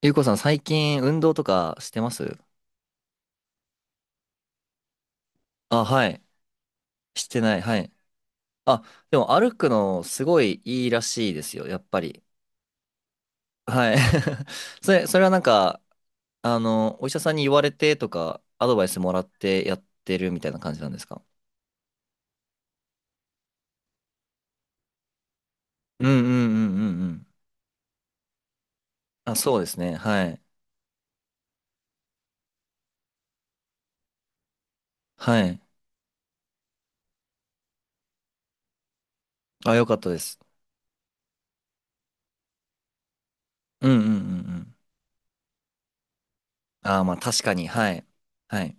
ゆうこさん、最近運動とかしてます？あ、はい。してない。はい。あ、でも歩くのすごいいいらしいですよ、やっぱり。はい。それはなんか、お医者さんに言われてとか、アドバイスもらってやってるみたいな感じなんですか？うんうんうんうんうん。あ、そうですね。はい。はい。あ、よかったです。うんうんうんうん。あー、まあ確かに。はい。はい。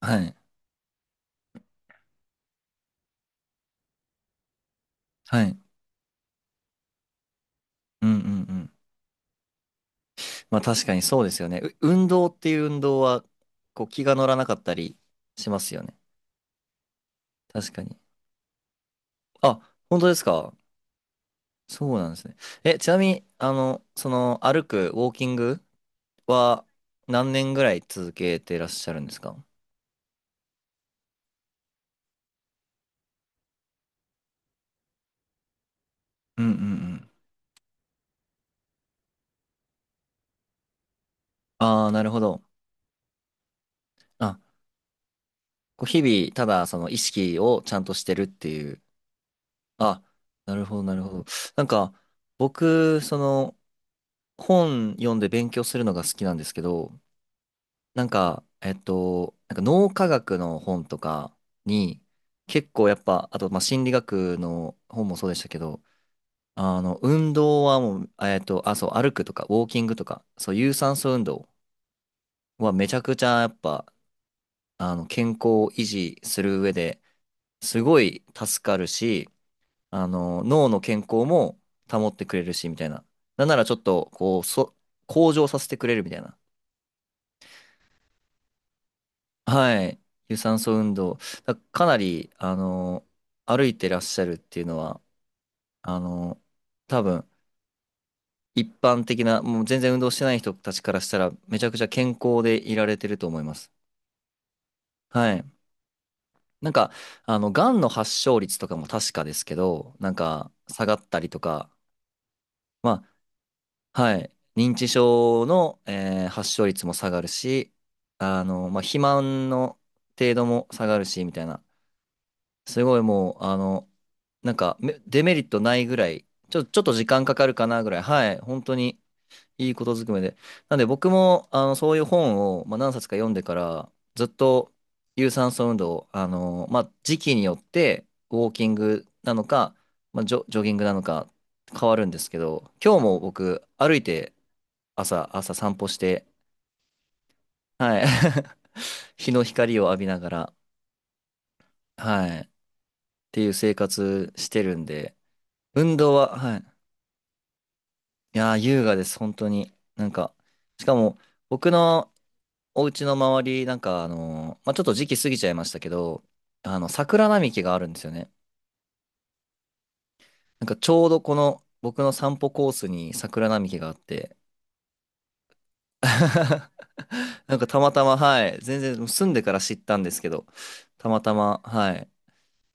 はい。はい。うんうんうん。まあ確かにそうですよね。運動っていう運動は、こう気が乗らなかったりしますよね。確かに。あ、本当ですか？そうなんですね。ちなみに、その歩く、ウォーキングは何年ぐらい続けてらっしゃるんですか？うんうんうん。ああなるほど。あ、こう日々、ただその意識をちゃんとしてるっていう。あ、なるほど、なるほど。なんか、僕、本読んで勉強するのが好きなんですけど、なんか、なんか脳科学の本とかに、結構やっぱ、あと、まあ、心理学の本もそうでしたけど、運動はもう、あ、そう、歩くとか、ウォーキングとか、そう、有酸素運動はめちゃくちゃやっぱ、健康を維持する上ですごい助かるし、脳の健康も保ってくれるし、みたいな。なんならちょっと、こう、向上させてくれるみたいな。はい。有酸素運動。だかなり、歩いてらっしゃるっていうのは、あの、多分、一般的な、もう全然運動してない人たちからしたら、めちゃくちゃ健康でいられてると思います。はい。なんか、がんの発症率とかも確かですけど、なんか、下がったりとか、まあ、はい。認知症の、発症率も下がるし、まあ、肥満の程度も下がるし、みたいな。すごいもう、なんかめデメリットないぐらい、ちょっと時間かかるかなぐらい、はい、本当にいいことずくめで。なんで僕も、そういう本を、まあ、何冊か読んでから、ずっと有酸素運動を、まあ、時期によって、ウォーキングなのか、まあ、ジョギングなのか変わるんですけど、今日も僕、歩いて朝散歩して、はい、日の光を浴びながら、はい、っていう生活してるんで、運動は、はい、いやー、優雅です、本当に。なんか、しかも、僕のお家の周り、なんか、まあ、ちょっと時期過ぎちゃいましたけど、桜並木があるんですよね。なんか、ちょうどこの、僕の散歩コースに桜並木があって、なんか、たまたま、はい、全然、住んでから知ったんですけど、たまたま、はい。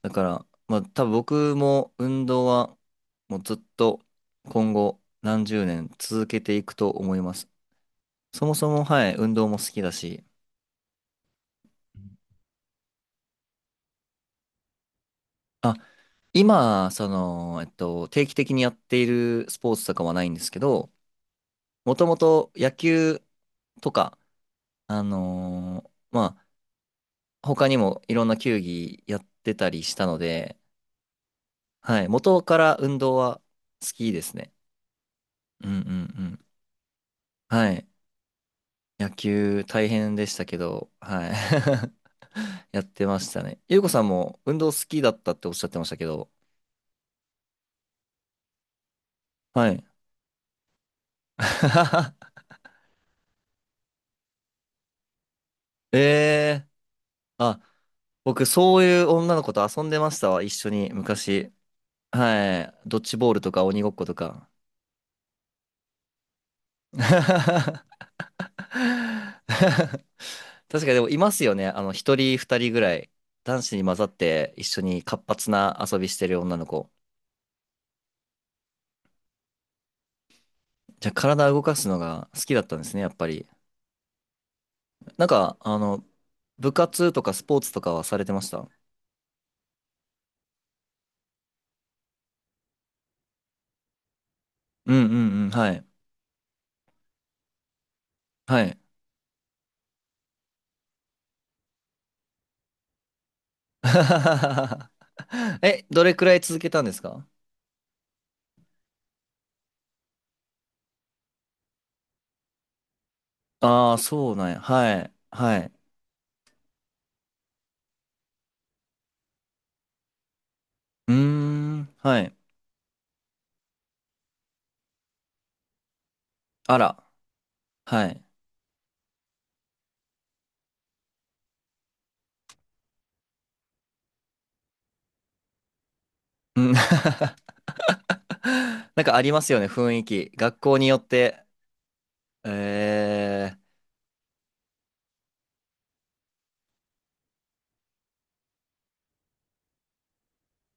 だから、まあ、多分僕も運動は、もうずっと、今後、何十年続けていくと思います。そもそも、はい、運動も好きだし、あ、今、定期的にやっているスポーツとかはないんですけど、もともと野球とか、あのまあ、他にもいろんな球技やってたりしたので、はい、元から運動は好きですね。うんうんうん。はい。野球大変でしたけど、はい。やってましたね。ゆうこさんも運動好きだったっておっしゃってましたけど、はい。ええー、あ、僕、そういう女の子と遊んでましたわ、一緒に、昔。はい。ドッジボールとか鬼ごっことか。確かにでもいますよね。一人二人ぐらい、男子に混ざって一緒に活発な遊びしてる女の子。じゃあ、体動かすのが好きだったんですね、やっぱり。なんか、部活とかスポーツとかはされてました？うんうんうん、はい。はい。どれくらい続けたんですか？ああー、そうなんや。はい。はい。うーん、はい。あら、はい。うん なんかありますよね、雰囲気。学校によって。えー、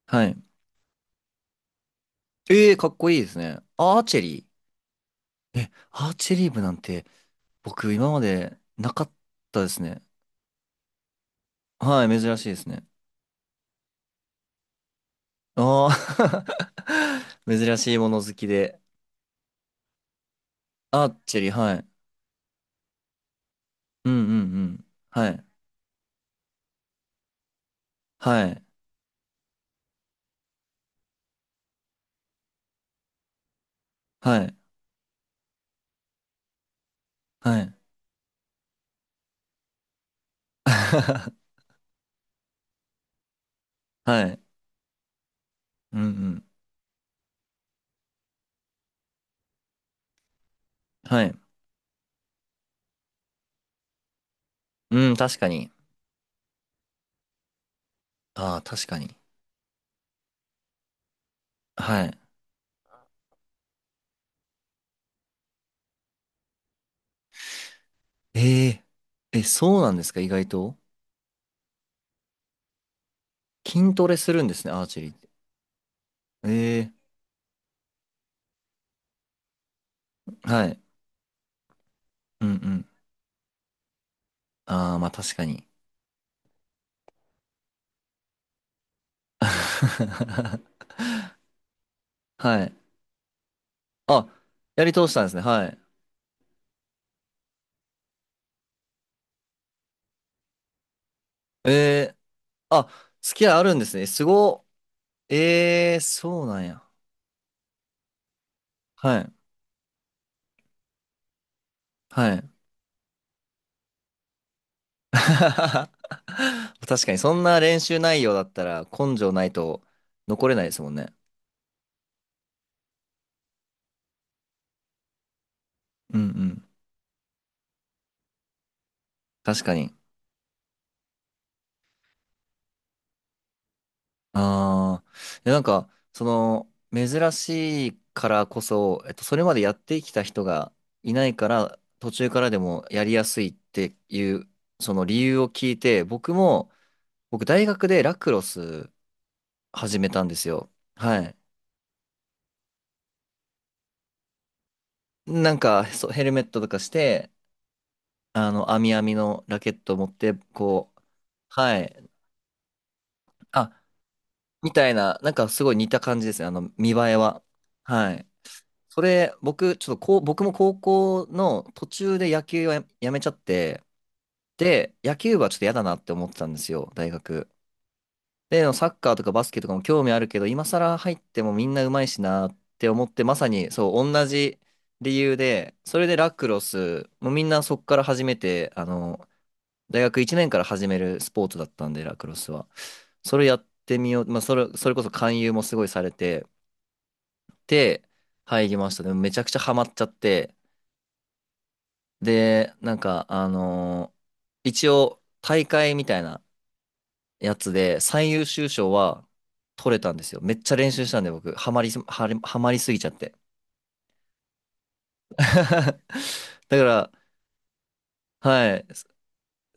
はい。えー、かっこいいですね。アーチェリー。え、アーチェリー部なんて僕今までなかったですね。はい、珍しいですね。ああ 珍しいもの好きで。アーチェリー、はい。うんうんうん。はい。はい。はい。はい。はい。うんうん。はい。うん、確かに。ああ、確かに。はい。えええ、そうなんですか、意外と。筋トレするんですね、アーチェリーって。ええはい。うんうん。ああ、まあ確かに。はい。あ、やり通したんですね、はい。ええあ、付き合いあるんですね。すご。ええそうなんや。はい。はい。確かに、そんな練習内容だったら根性ないと残れないですもんね。うんうん。確かに。ああ、いやなんか、その、珍しいからこそ、それまでやってきた人がいないから、途中からでもやりやすいっていう、その理由を聞いて、僕も、僕、大学でラクロス始めたんですよ。はい。なんか、そう、ヘルメットとかして、網網のラケットを持って、こう、はい。あ、みたいな、なんかすごい似た感じですね。見栄えは。はい。それ、僕、ちょっとこう、僕も高校の途中で野球はやめちゃって、で、野球部はちょっと嫌だなって思ってたんですよ、大学。で、サッカーとかバスケとかも興味あるけど、今更入ってもみんな上手いしなって思って、まさにそう、同じ理由で、それでラクロス、もうみんなそこから始めて、大学1年から始めるスポーツだったんで、ラクロスは。それやってみよう、まあ、それこそ勧誘もすごいされて、で、入りました。でもめちゃくちゃハマっちゃって、で、なんか、一応、大会みたいなやつで、最優秀賞は取れたんですよ。めっちゃ練習したんで、僕、ハマりすぎちゃって。だから、はい、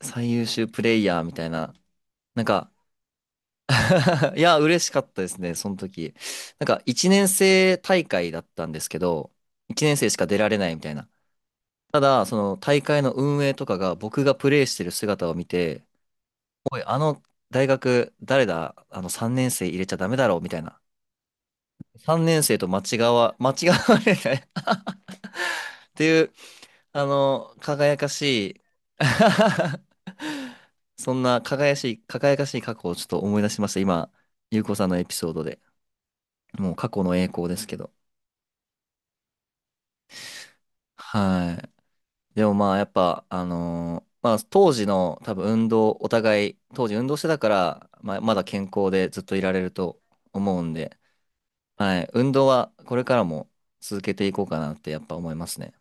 最優秀プレイヤーみたいな、なんか いや、嬉しかったですね、その時。なんか、1年生大会だったんですけど、1年生しか出られないみたいな。ただ、その大会の運営とかが僕がプレイしてる姿を見て、おい、あの大学、誰だあの3年生入れちゃダメだろうみたいな。3年生と間違われない っていう、輝かしい そんな輝かしい、輝かしい過去をちょっと思い出しました。今、ゆうこさんのエピソードで。もう過去の栄光ですけど。はい。でもまあ、やっぱ、まあ、当時の多分運動、お互い、当時運動してたから、まあ、まだ健康でずっといられると思うんで、はい。運動はこれからも続けていこうかなってやっぱ思いますね。